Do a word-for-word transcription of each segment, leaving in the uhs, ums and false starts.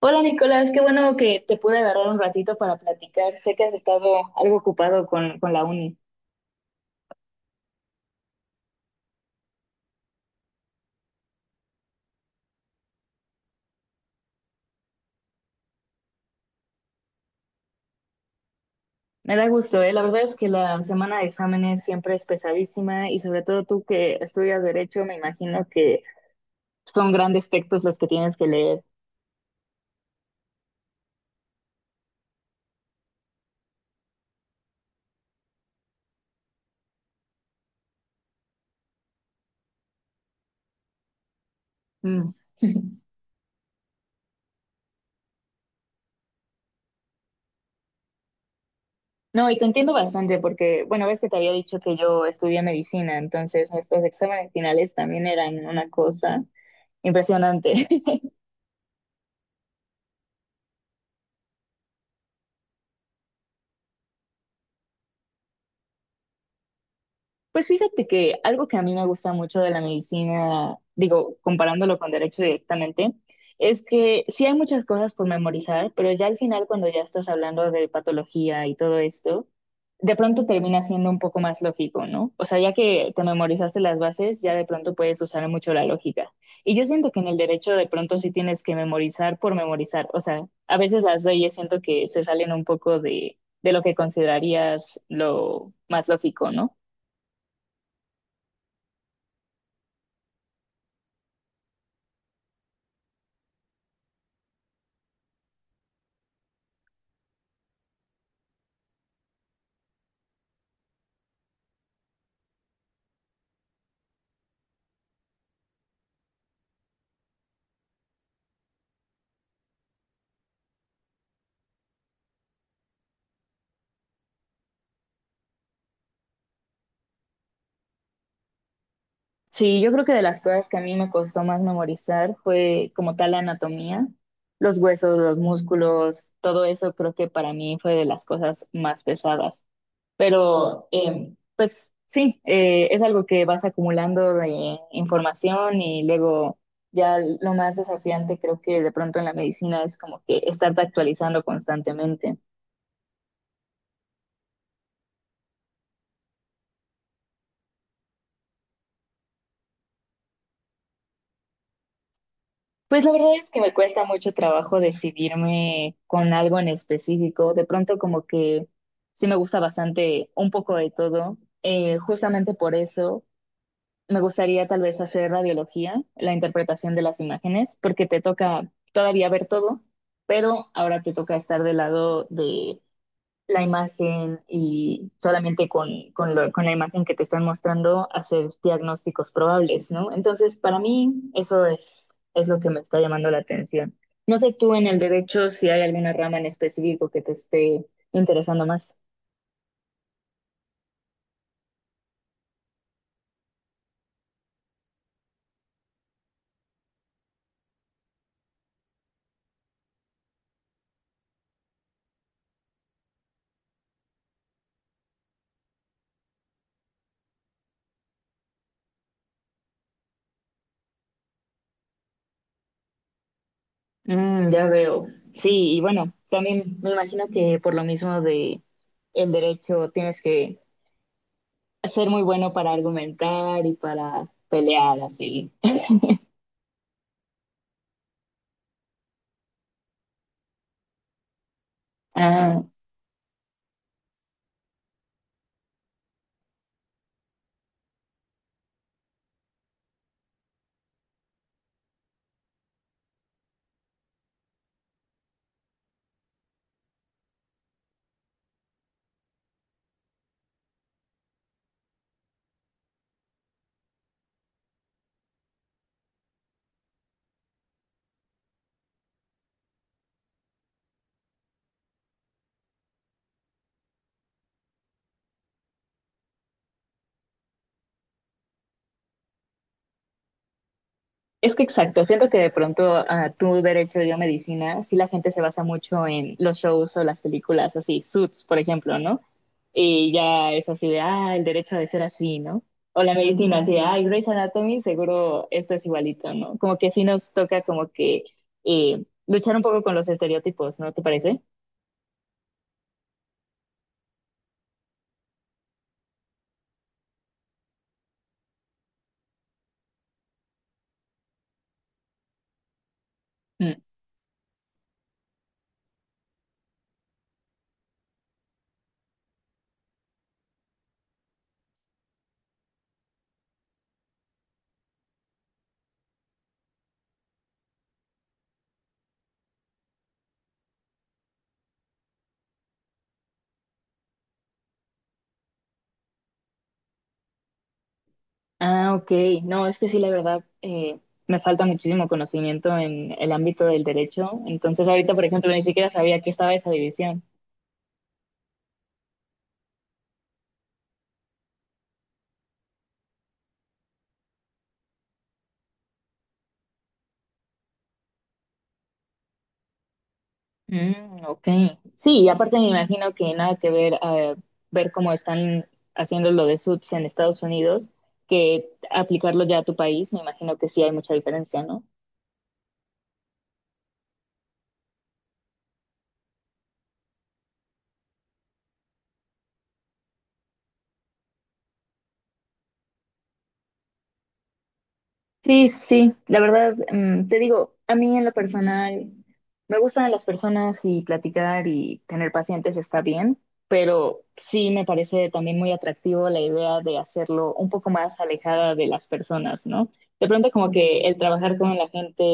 Hola Nicolás, qué bueno que te pude agarrar un ratito para platicar. Sé que has estado algo ocupado con, con la uni. Me da gusto, ¿eh? La verdad es que la semana de exámenes siempre es pesadísima y sobre todo tú que estudias derecho, me imagino que son grandes textos los que tienes que leer. Mm. No, y te entiendo bastante porque, bueno, ves que te había dicho que yo estudié medicina, entonces nuestros exámenes finales también eran una cosa impresionante. Pues fíjate que algo que a mí me gusta mucho de la medicina, digo, comparándolo con derecho directamente, es que sí hay muchas cosas por memorizar, pero ya al final cuando ya estás hablando de patología y todo esto, de pronto termina siendo un poco más lógico, ¿no? O sea, ya que te memorizaste las bases, ya de pronto puedes usar mucho la lógica. Y yo siento que en el derecho de pronto sí tienes que memorizar por memorizar. O sea, a veces las leyes siento que se salen un poco de, de lo que considerarías lo más lógico, ¿no? Sí, yo creo que de las cosas que a mí me costó más memorizar fue como tal la anatomía, los huesos, los músculos, todo eso creo que para mí fue de las cosas más pesadas. Pero em, pues sí, eh, es algo que vas acumulando de información y luego ya lo más desafiante creo que de pronto en la medicina es como que estarte actualizando constantemente. Pues la verdad es que me cuesta mucho trabajo decidirme con algo en específico. De pronto como que sí me gusta bastante un poco de todo. Eh, justamente por eso me gustaría tal vez hacer radiología, la interpretación de las imágenes, porque te toca todavía ver todo, pero ahora te toca estar del lado de la imagen y solamente con, con, lo- con la imagen que te están mostrando hacer diagnósticos probables, ¿no? Entonces, para mí, eso es, es lo que me está llamando la atención. No sé tú en el derecho si hay alguna rama en específico que te esté interesando más. Mm, ya veo. Sí, y bueno, también me imagino que por lo mismo de el derecho tienes que ser muy bueno para argumentar y para pelear, así. Ah. Es que exacto, siento que de pronto a tu derecho yo medicina, sí la gente se basa mucho en los shows o las películas, así, Suits, por ejemplo, ¿no? Y ya es así de, ah, el derecho ha de ser así, ¿no? O la medicina así de, ah, Grey's Anatomy, seguro esto es igualito, ¿no? Como que sí nos toca como que eh, luchar un poco con los estereotipos, ¿no te parece? Mm. Ah, ok. No, es que sí, la verdad, eh, me falta muchísimo conocimiento en el ámbito del derecho. Entonces ahorita, por ejemplo, ni siquiera sabía que estaba esa división. Mm, ok. Sí, y aparte me imagino que nada que ver eh, ver cómo están haciendo lo de Suits en Estados Unidos que aplicarlo ya a tu país, me imagino que sí hay mucha diferencia, ¿no? Sí, sí, la verdad, mm, te digo, a mí en lo personal me gustan las personas y platicar y tener pacientes está bien, pero sí me parece también muy atractivo la idea de hacerlo un poco más alejada de las personas, ¿no? De pronto como que el trabajar con la gente.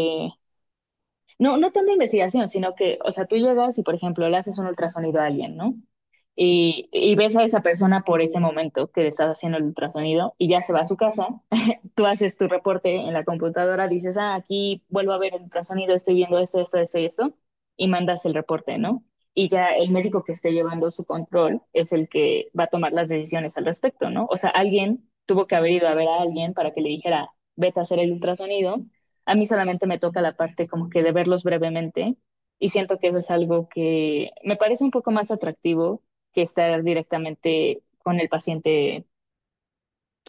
No, no tanto investigación, sino que, o sea, tú llegas y, por ejemplo, le haces un ultrasonido a alguien, ¿no? Y, y ves a esa persona por ese momento que le estás haciendo el ultrasonido y ya se va a su casa. Tú haces tu reporte en la computadora, dices, ah, aquí vuelvo a ver el ultrasonido, estoy viendo esto, esto, esto y esto, y mandas el reporte, ¿no? Y ya el médico que esté llevando su control es el que va a tomar las decisiones al respecto, ¿no? O sea, alguien tuvo que haber ido a ver a alguien para que le dijera, vete a hacer el ultrasonido. A mí solamente me toca la parte como que de verlos brevemente y siento que eso es algo que me parece un poco más atractivo que estar directamente con el paciente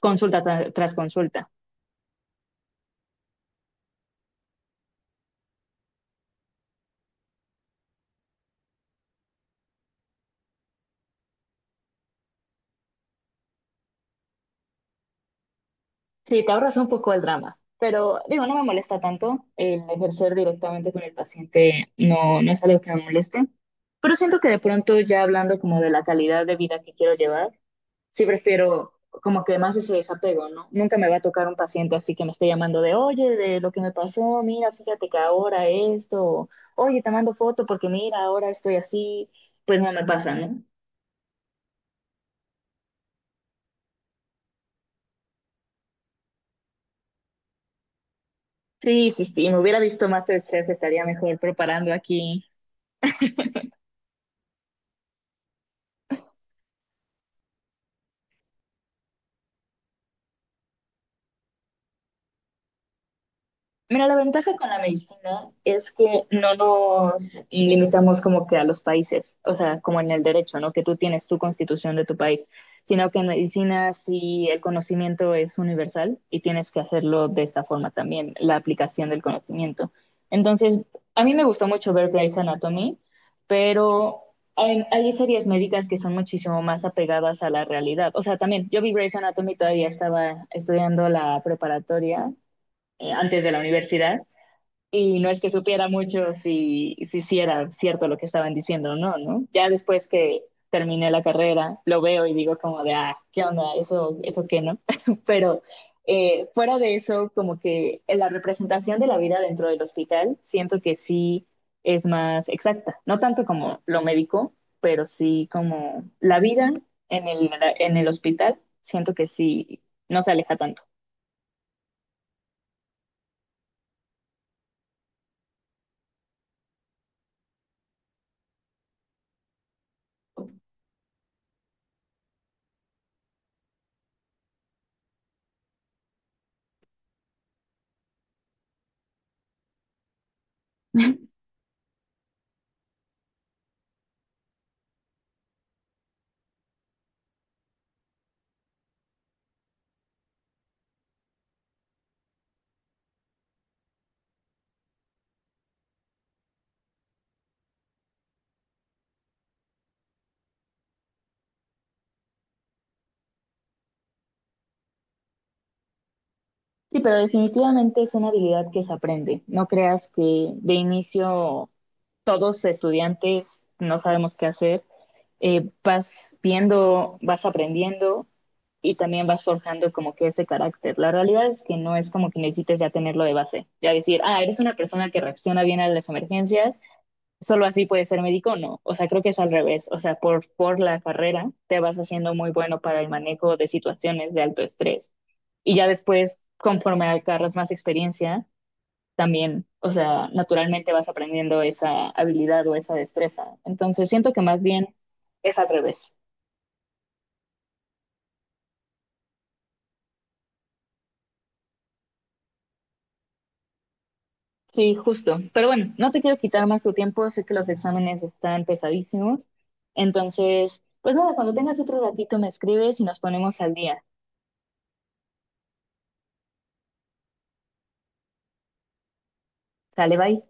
consulta tra- tras consulta. Sí, te ahorras un poco el drama, pero digo, no me molesta tanto el ejercer directamente con el paciente, no, no es algo que me moleste, pero siento que de pronto ya hablando como de la calidad de vida que quiero llevar, sí prefiero como que más ese desapego, ¿no? Nunca me va a tocar un paciente así que me esté llamando de, oye, de lo que me pasó, mira, fíjate que ahora esto, o, oye, te mando foto porque mira, ahora estoy así, pues no me pasa, ¿no? Sí, sí, sí, me hubiera visto MasterChef, estaría mejor preparando aquí. Mira, la ventaja con la medicina es que no nos limitamos como que a los países, o sea, como en el derecho, ¿no? Que tú tienes tu constitución de tu país, sino que en medicina sí el conocimiento es universal y tienes que hacerlo de esta forma también, la aplicación del conocimiento. Entonces, a mí me gustó mucho ver Grey's Anatomy, pero hay, hay series médicas que son muchísimo más apegadas a la realidad. O sea, también yo vi Grey's Anatomy, todavía estaba estudiando la preparatoria eh, antes de la universidad y no es que supiera mucho si, si, si era cierto lo que estaban diciendo o no, ¿no? Ya después que terminé la carrera, lo veo y digo como de, ah, ¿qué onda? Eso, eso qué, ¿no? Pero eh, fuera de eso, como que la representación de la vida dentro del hospital, siento que sí es más exacta, no tanto como lo médico, pero sí como la vida en el, en el hospital, siento que sí no se aleja tanto. Sí, pero definitivamente es una habilidad que se aprende. No creas que de inicio todos estudiantes no sabemos qué hacer. Eh, vas viendo, vas aprendiendo y también vas forjando como que ese carácter. La realidad es que no es como que necesites ya tenerlo de base. Ya decir, ah, eres una persona que reacciona bien a las emergencias solo así puedes ser médico, no. O sea, creo que es al revés. O sea, por, por la carrera te vas haciendo muy bueno para el manejo de situaciones de alto estrés. Y ya después, conforme agarras más experiencia, también, o sea, naturalmente vas aprendiendo esa habilidad o esa destreza. Entonces, siento que más bien es al revés. Sí, justo. Pero bueno, no te quiero quitar más tu tiempo. Sé que los exámenes están pesadísimos. Entonces, pues nada, cuando tengas otro ratito me escribes y nos ponemos al día. Sale, bye.